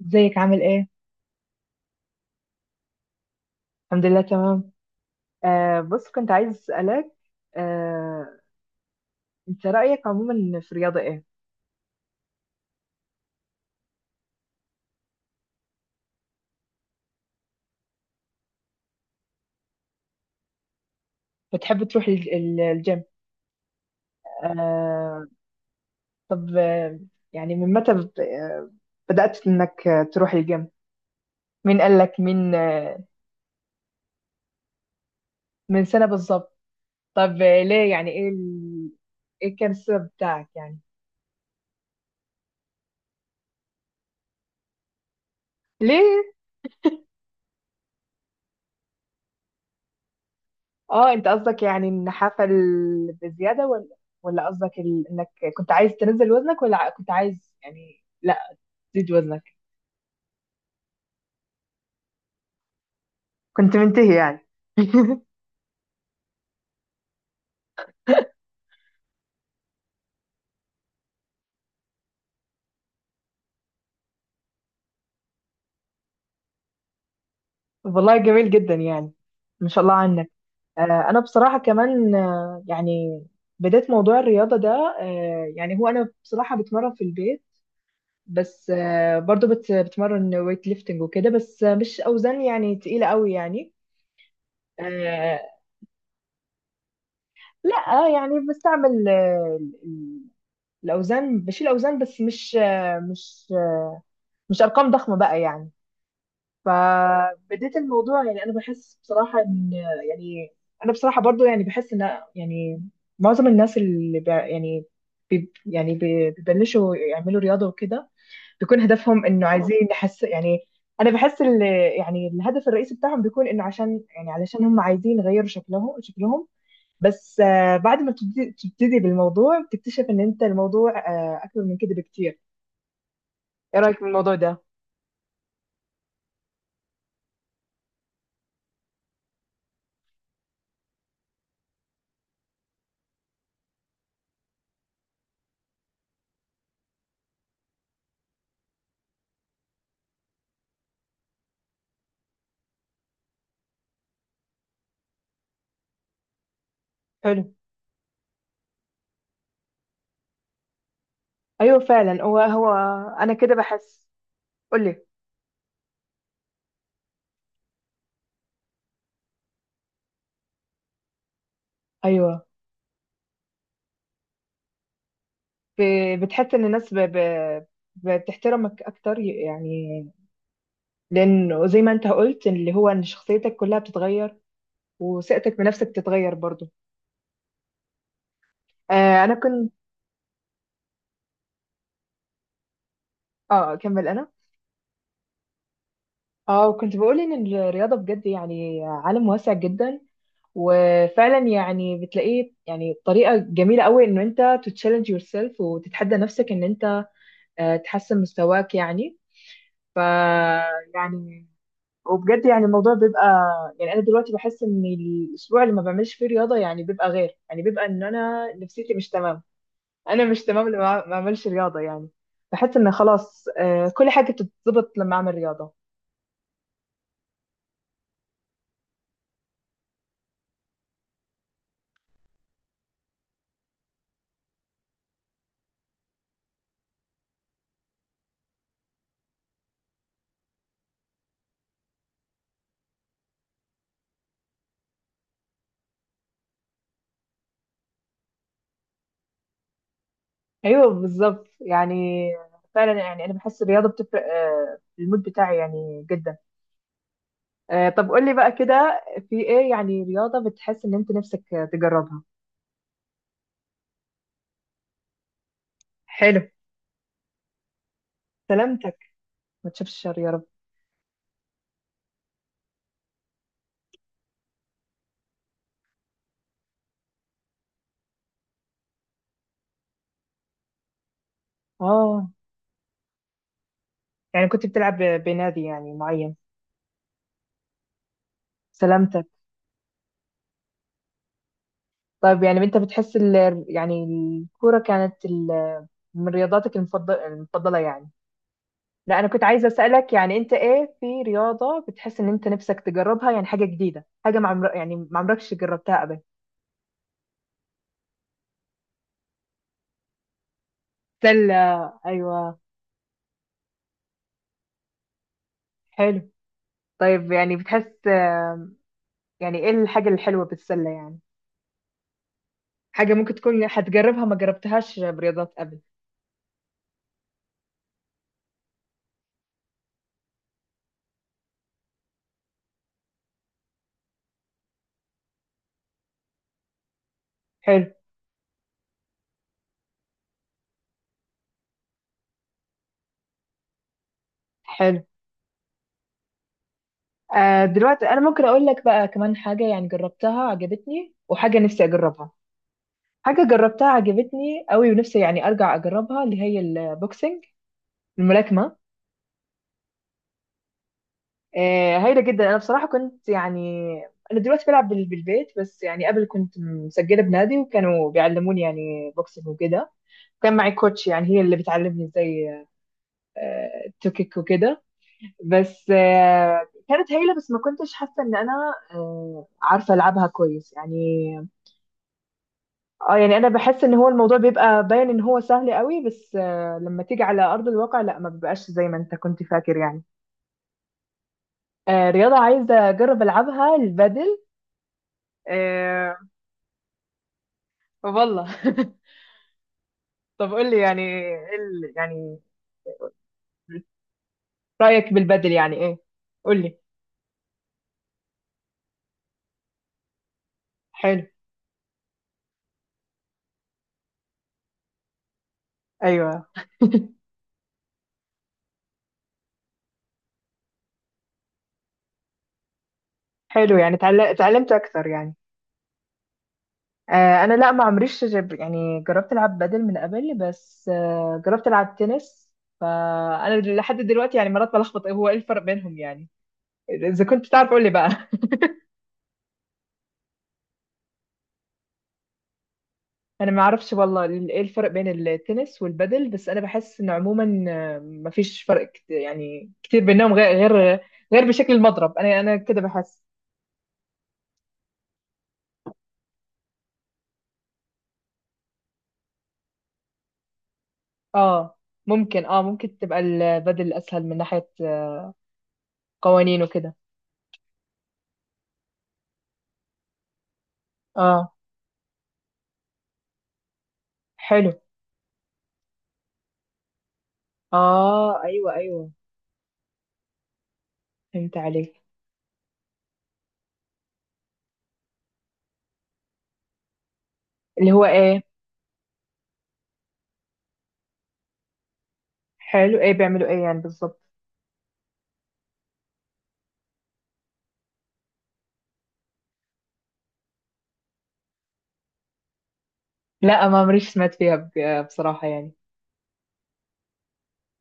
ازيك عامل ايه؟ الحمد لله تمام. بص كنت عايز اسألك. آه انت رأيك عموما في الرياضة ايه؟ بتحب تروح الجيم؟ آه. طب، يعني من متى بدأت انك تروح الجيم؟ مين قال لك من سنة بالظبط؟ طب، ليه؟ يعني ايه ايه كان السبب بتاعك يعني؟ ليه؟ اه انت قصدك، يعني، النحافة بزيادة، ولا قصدك انك كنت عايز تنزل وزنك، ولا كنت عايز، يعني، زيد وزنك؟ كنت منتهي يعني؟ والله جميل جدا يعني. ما شاء الله عنك. آه، انا بصراحه كمان، يعني بدأت موضوع الرياضه ده. يعني هو انا بصراحه بتمرن في البيت، بس برضو بتمرن ويت ليفتنج وكده. بس مش اوزان يعني تقيله قوي يعني. آه، لا يعني بستعمل، الاوزان. بشيل اوزان، بس مش ارقام ضخمه بقى يعني. فبديت الموضوع. يعني انا بحس بصراحه ان، يعني، انا بصراحه برضو يعني بحس ان، يعني، معظم الناس اللي بيبلشوا يعملوا رياضه وكده، بيكون هدفهم انه عايزين يحس يعني. انا بحس يعني الهدف الرئيسي بتاعهم بيكون انه عشان، يعني، علشان هم عايزين يغيروا شكلهم شكلهم. بس، بعد ما تبتدي بالموضوع، بتكتشف ان انت الموضوع اكبر من كده بكتير. ايه رايك في الموضوع ده؟ حلو. ايوه فعلا. هو انا كده بحس. قول لي. ايوه، بتحس ان الناس بتحترمك اكتر يعني. لان زي ما انت قلت اللي هو ان شخصيتك كلها بتتغير، وثقتك بنفسك بتتغير برضو. انا كنت... اه كمل انا. اه كنت بقول ان الرياضة بجد يعني عالم واسع جدا. وفعلا يعني بتلاقيه يعني طريقة جميلة قوي ان انت تتشالنج يور سيلف وتتحدى نفسك ان انت، تحسن مستواك يعني. ف يعني، وبجد يعني الموضوع بيبقى، يعني، انا دلوقتي بحس ان الاسبوع اللي ما بعملش فيه رياضه يعني بيبقى غير، يعني بيبقى ان انا نفسيتي مش تمام. انا مش تمام لما ما اعملش رياضه يعني. بحس ان خلاص، كل حاجه بتتظبط لما اعمل رياضه. ايوه بالظبط يعني. فعلا يعني انا بحس الرياضه بتفرق، في المود بتاعي يعني جدا. طب قول لي بقى كده، في ايه، يعني، رياضه بتحس ان انت نفسك تجربها؟ حلو. سلامتك، ما تشوفش الشر يا رب. اه يعني كنت بتلعب بنادي يعني معين؟ سلامتك. طيب يعني انت بتحس يعني الكورة كانت من رياضاتك المفضلة يعني؟ لا، انا كنت عايزة اسألك، يعني انت ايه في رياضة بتحس ان انت نفسك تجربها؟ يعني حاجة جديدة، حاجة ما عمر... يعني ما عمركش جربتها قبل. سلة. ايوه. حلو. طيب يعني بتحس، يعني ايه الحاجة الحلوة بالسلة، يعني حاجة ممكن تكون هتجربها ما جربتهاش برياضات قبل؟ حلو. حلو. دلوقتي انا ممكن اقول لك بقى كمان حاجة، يعني جربتها عجبتني، وحاجة نفسي اجربها. حاجة جربتها عجبتني قوي ونفسي يعني أرجع أجربها، اللي هي البوكسنج، الملاكمة. هايلة جدا. أنا بصراحة كنت يعني، أنا دلوقتي بلعب بالبيت، بس يعني قبل كنت مسجلة بنادي وكانوا بيعلموني، يعني بوكسنج وكده. كان معي كوتش، يعني هي اللي بتعلمني ازاي، توكيك وكده. بس كانت هايلة، بس ما كنتش حاسة إن أنا عارفة ألعبها كويس يعني. اه يعني انا بحس ان هو الموضوع بيبقى باين ان هو سهل قوي، بس لما تيجي على ارض الواقع، لا، ما بيبقاش زي ما انت كنت فاكر يعني. رياضة عايزة اجرب العبها، البادل. آه، والله. طب قول لي، يعني ايه يعني رأيك بالبادل يعني ايه؟ قول لي. حلو. ايوه حلو. يعني اتعلمت اكتر يعني؟ انا، لا، ما عمريش يعني جربت العب بادل من قبل، بس جربت العب تنس. فانا لحد دلوقتي يعني مرات بلخبط، إيه هو ايه الفرق بينهم يعني. اذا كنت تعرف قول لي بقى. انا ما اعرفش والله ايه الفرق بين التنس والبادل. بس انا بحس ان عموما، ما فيش فرق يعني كتير بينهم، غير بشكل المضرب. انا كده بحس. اه ممكن تبقى البادل اسهل من ناحية، قوانين وكده. اه حلو. اه ايوه، ايوه فهمت عليك. اللي هو ايه؟ حلو. ايه بيعملوا، ايه يعني بالظبط؟ لا، ما مريش سمعت فيها، بصراحة يعني.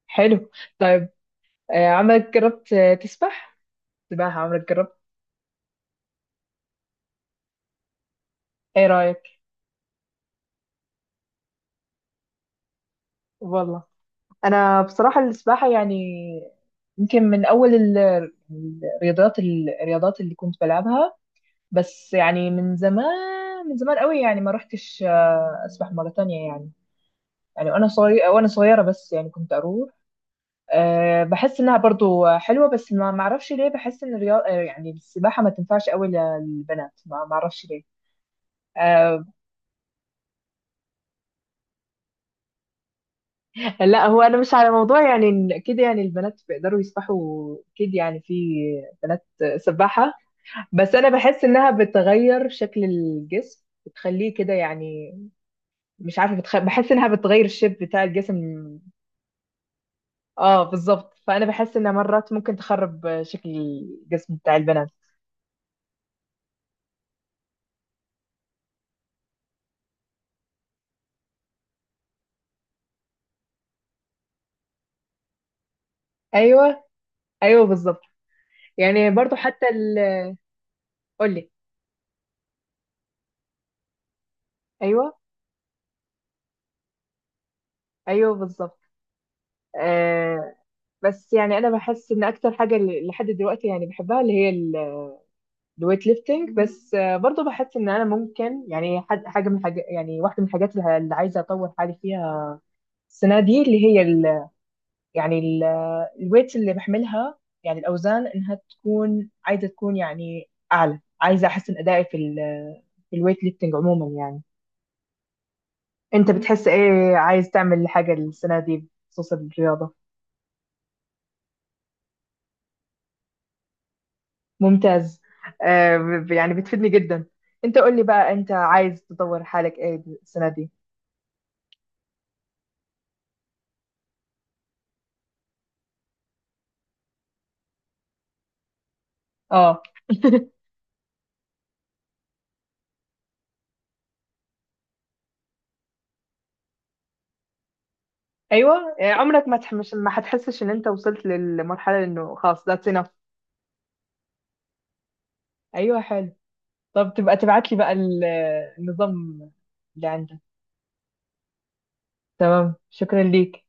حلو. طيب، عمرك جربت تسبح؟ سباحة، عمرك جربت؟ ايه رأيك؟ والله انا بصراحة السباحة، يعني يمكن من اول الرياضات اللي كنت بلعبها. بس يعني، من زمان، من زمان قوي، يعني ما رحتش، اسبح مرة تانية يعني. يعني وانا صغيرة، وانا صغيرة، بس يعني كنت اروح. بحس انها برضو حلوة، بس ما اعرفش ليه بحس ان الرياضة، يعني السباحة، ما تنفعش قوي للبنات. ما اعرفش ليه. آه، لا، هو انا مش على موضوع، يعني إن كده، يعني البنات بيقدروا يسبحوا اكيد، يعني في بنات سباحة. بس انا بحس انها بتغير شكل الجسم، بتخليه كده يعني، مش عارفة بحس انها بتغير الشيب بتاع الجسم. اه بالظبط. فانا بحس انها مرات ممكن تخرب شكل الجسم بتاع البنات. ايوه، ايوه بالظبط يعني. برضو حتى قولي. ايوه، ايوه بالظبط. آه بس يعني انا بحس ان اكتر حاجة لحد دلوقتي يعني بحبها، اللي هي الويت ليفتنج. بس، برضه بحس ان انا ممكن، يعني حد حاجه، من حاجة يعني، واحده من الحاجات اللي عايزه اطور حالي فيها السنه دي، اللي هي ال يعني ال الويت اللي بحملها، يعني الاوزان، انها تكون، عايزه تكون يعني اعلى، عايزه احسن ادائي في الويت ليفتنج عموما يعني. انت بتحس ايه عايز تعمل حاجه السنه دي بخصوص الرياضه؟ ممتاز. يعني بتفيدني جدا. انت قول لي بقى، انت عايز تطور حالك ايه السنه دي؟ اه ايوه، يعني عمرك ما تحمش، ما هتحسش ان انت وصلت للمرحله انه خلاص، ذاتس enough؟ ايوه حلو. طب تبقى تبعت لي بقى النظام اللي عندك. تمام، شكرا ليك.